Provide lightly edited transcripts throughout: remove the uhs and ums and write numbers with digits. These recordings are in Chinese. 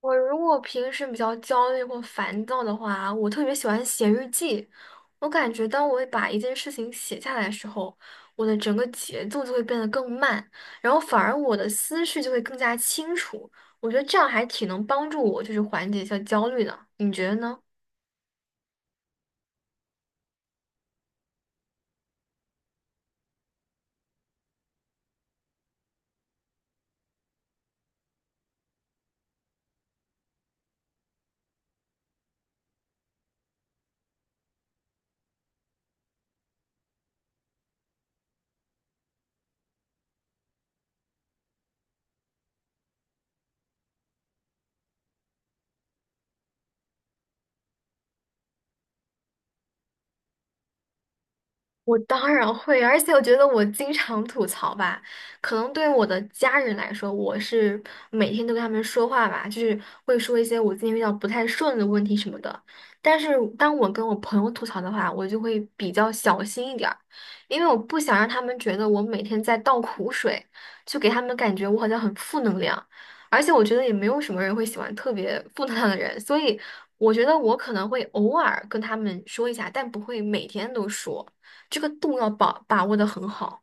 我如果平时比较焦虑或烦躁的话，我特别喜欢写日记。我感觉当我把一件事情写下来的时候，我的整个节奏就会变得更慢，然后反而我的思绪就会更加清楚。我觉得这样还挺能帮助我，就是缓解一下焦虑的。你觉得呢？我当然会，而且我觉得我经常吐槽吧，可能对我的家人来说，我是每天都跟他们说话吧，就是会说一些我最近遇到不太顺的问题什么的。但是当我跟我朋友吐槽的话，我就会比较小心一点儿，因为我不想让他们觉得我每天在倒苦水，就给他们感觉我好像很负能量。而且我觉得也没有什么人会喜欢特别负能量的人，所以我觉得我可能会偶尔跟他们说一下，但不会每天都说。这个度要把握的很好。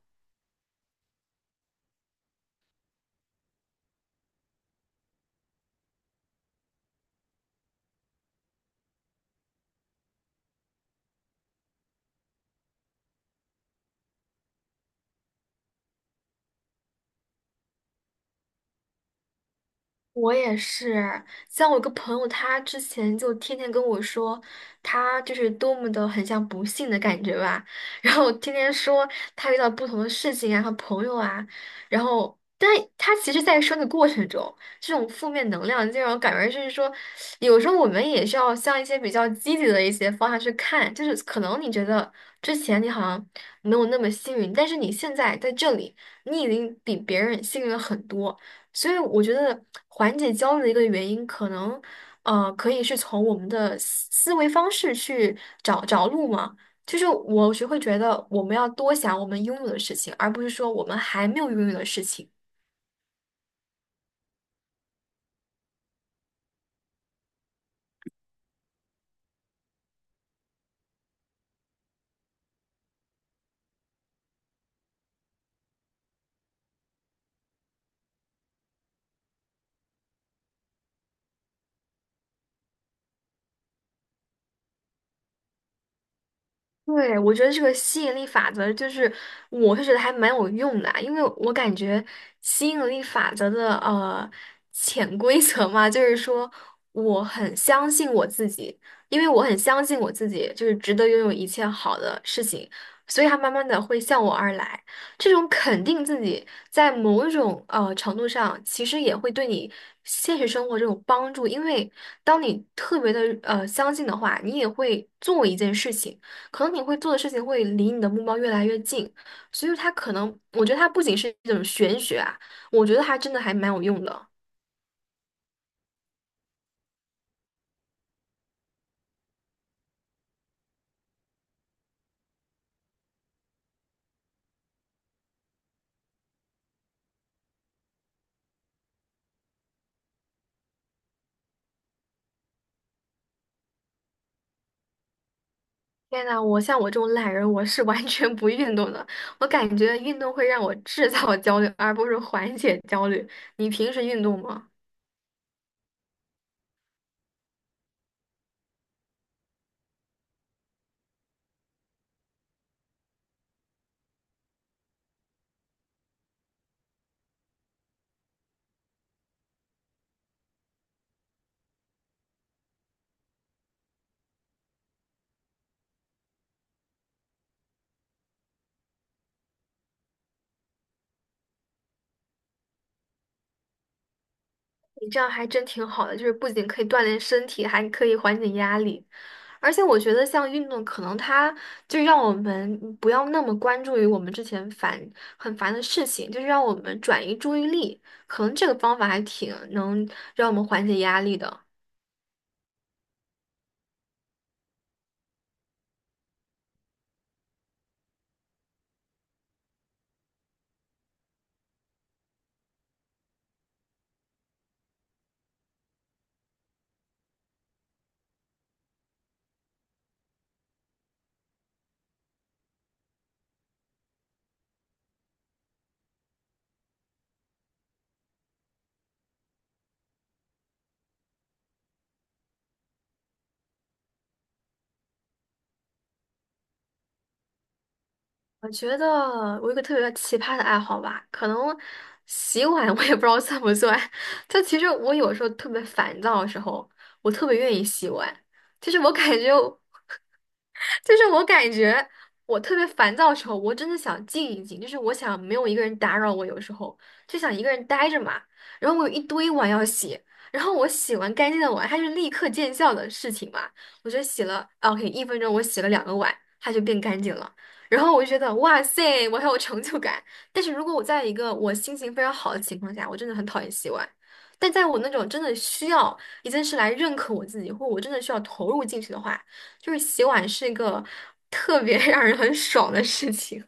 我也是，像我一个朋友，他之前就天天跟我说，他就是多么的很像不幸的感觉吧，然后天天说他遇到不同的事情啊和朋友啊，然后，但他其实，在说的过程中，这种负面能量就让我感觉就是说，有时候我们也是要向一些比较积极的一些方向去看，就是可能你觉得之前你好像没有那么幸运，但是你现在在这里，你已经比别人幸运了很多。所以我觉得缓解焦虑的一个原因，可能可以是从我们的思维方式去找找路嘛。就是我是会觉得我们要多想我们拥有的事情，而不是说我们还没有拥有的事情。对，我觉得这个吸引力法则就是，我是觉得还蛮有用的啊因为我感觉吸引力法则的潜规则嘛，就是说我很相信我自己，因为我很相信我自己就是值得拥有一切好的事情，所以它慢慢的会向我而来。这种肯定自己在某种程度上，其实也会对你现实生活这种帮助，因为当你特别的相信的话，你也会做一件事情。可能你会做的事情会离你的目标越来越近，所以它可能，我觉得它不仅是一种玄学啊，我觉得它真的还蛮有用的。天呐，我像我这种懒人，我是完全不运动的。我感觉运动会让我制造焦虑，而不是缓解焦虑。你平时运动吗？你这样还真挺好的，就是不仅可以锻炼身体，还可以缓解压力。而且我觉得，像运动，可能它就让我们不要那么关注于我们之前很烦的事情，就是让我们转移注意力。可能这个方法还挺能让我们缓解压力的。我觉得我有一个特别奇葩的爱好吧，可能洗碗 我也不知道算不算。就其实我有时候特别烦躁的时候，我特别愿意洗碗。就是我感觉就是我感觉我特别烦躁的时候，我真的想静一静，就是我想没有一个人打扰我，有时候就想一个人待着嘛。然后我有一堆碗要洗，然后我洗完干净的碗，它是立刻见效的事情嘛。我就洗了啊，OK，1分钟我洗了两个碗，它就变干净了。然后我就觉得哇塞，我很有成就感。但是如果我在一个我心情非常好的情况下，我真的很讨厌洗碗。但在我那种真的需要一件事来认可我自己，或我真的需要投入进去的话。就是洗碗是一个特别 让人很爽的事情。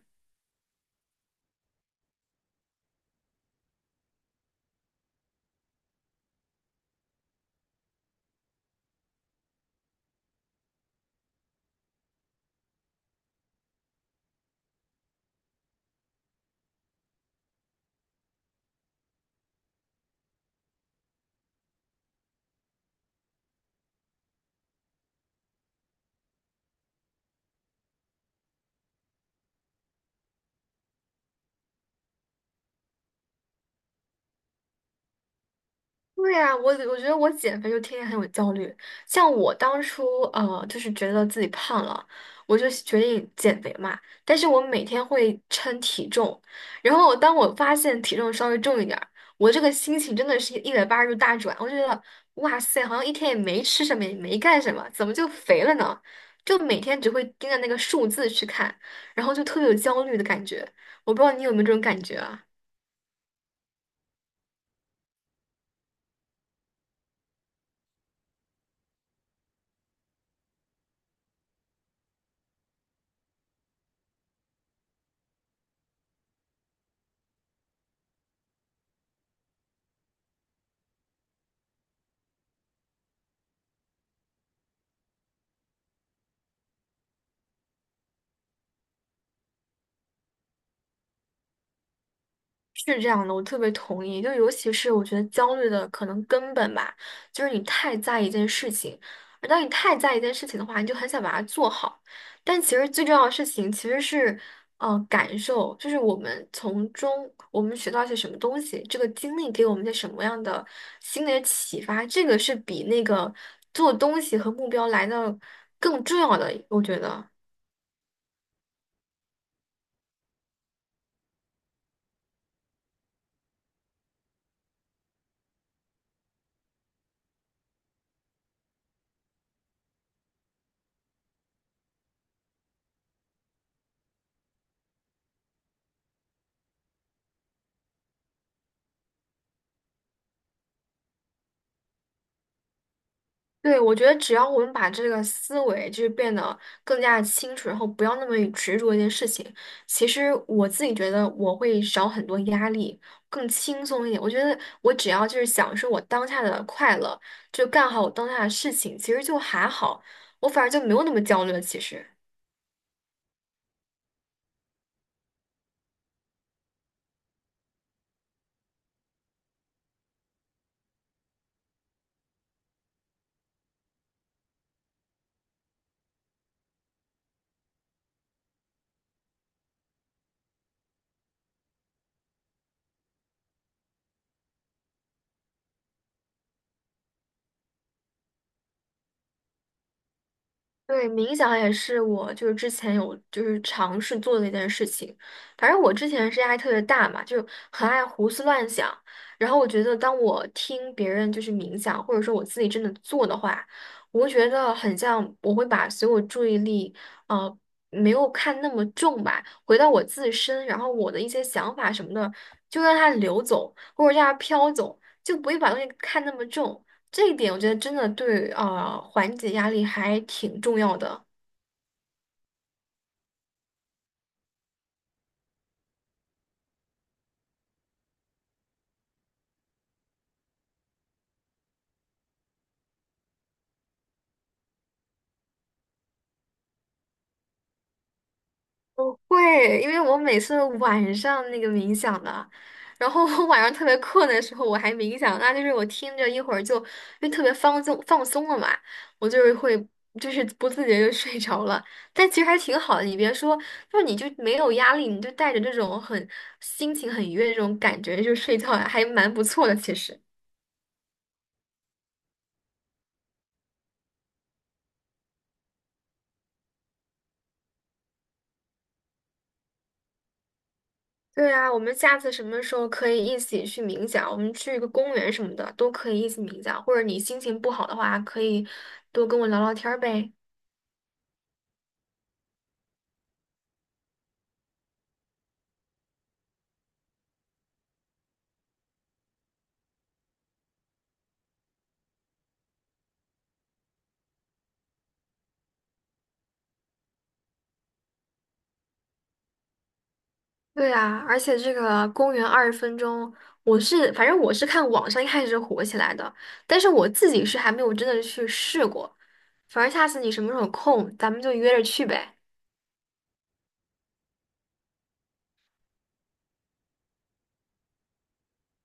对呀，我觉得我减肥就天天很有焦虑。像我当初就是觉得自己胖了，我就决定减肥嘛。但是我每天会称体重，然后当我发现体重稍微重一点儿，我这个心情真的是180度大转。我就觉得哇塞，好像一天也没吃什么，也没干什么，怎么就肥了呢？就每天只会盯着那个数字去看，然后就特别有焦虑的感觉。我不知道你有没有这种感觉啊？是这样的，我特别同意。就尤其是我觉得焦虑的可能根本吧，就是你太在意一件事情，而当你太在意一件事情的话，你就很想把它做好。但其实最重要的事情其实是，感受，就是我们学到一些什么东西，这个经历给我们一些什么样的心理的启发，这个是比那个做东西和目标来的更重要的，我觉得。对，我觉得只要我们把这个思维就是变得更加清楚，然后不要那么执着一件事情，其实我自己觉得我会少很多压力，更轻松一点。我觉得我只要就是享受我当下的快乐，就干好我当下的事情，其实就还好，我反而就没有那么焦虑了。其实。对，冥想也是我就是之前有就是尝试做的一件事情。反正我之前是压力特别大嘛，就很爱胡思乱想。然后我觉得，当我听别人就是冥想，或者说我自己真的做的话，我会觉得很像我会把所有注意力，呃，没有看那么重吧，回到我自身，然后我的一些想法什么的，就让它流走，或者让它飘走，就不会把东西看那么重。这一点我觉得真的对啊，缓解压力还挺重要的。我会，因为我每次晚上那个冥想的，然后我晚上特别困的时候，我还冥想，那就是我听着一会儿就，因为特别放松放松了嘛，我就是会不自觉就睡着了。但其实还挺好的，你别说，就是你就没有压力，你就带着这种心情很愉悦的这种感觉就睡觉，还蛮不错的，其实。对呀，我们下次什么时候可以一起去冥想？我们去一个公园什么的都可以一起冥想，或者你心情不好的话，可以多跟我聊聊天儿呗。对啊，而且这个公园20分钟，我是反正我是看网上一开始火起来的，但是我自己是还没有真的去试过。反正下次你什么时候有空，咱们就约着去呗。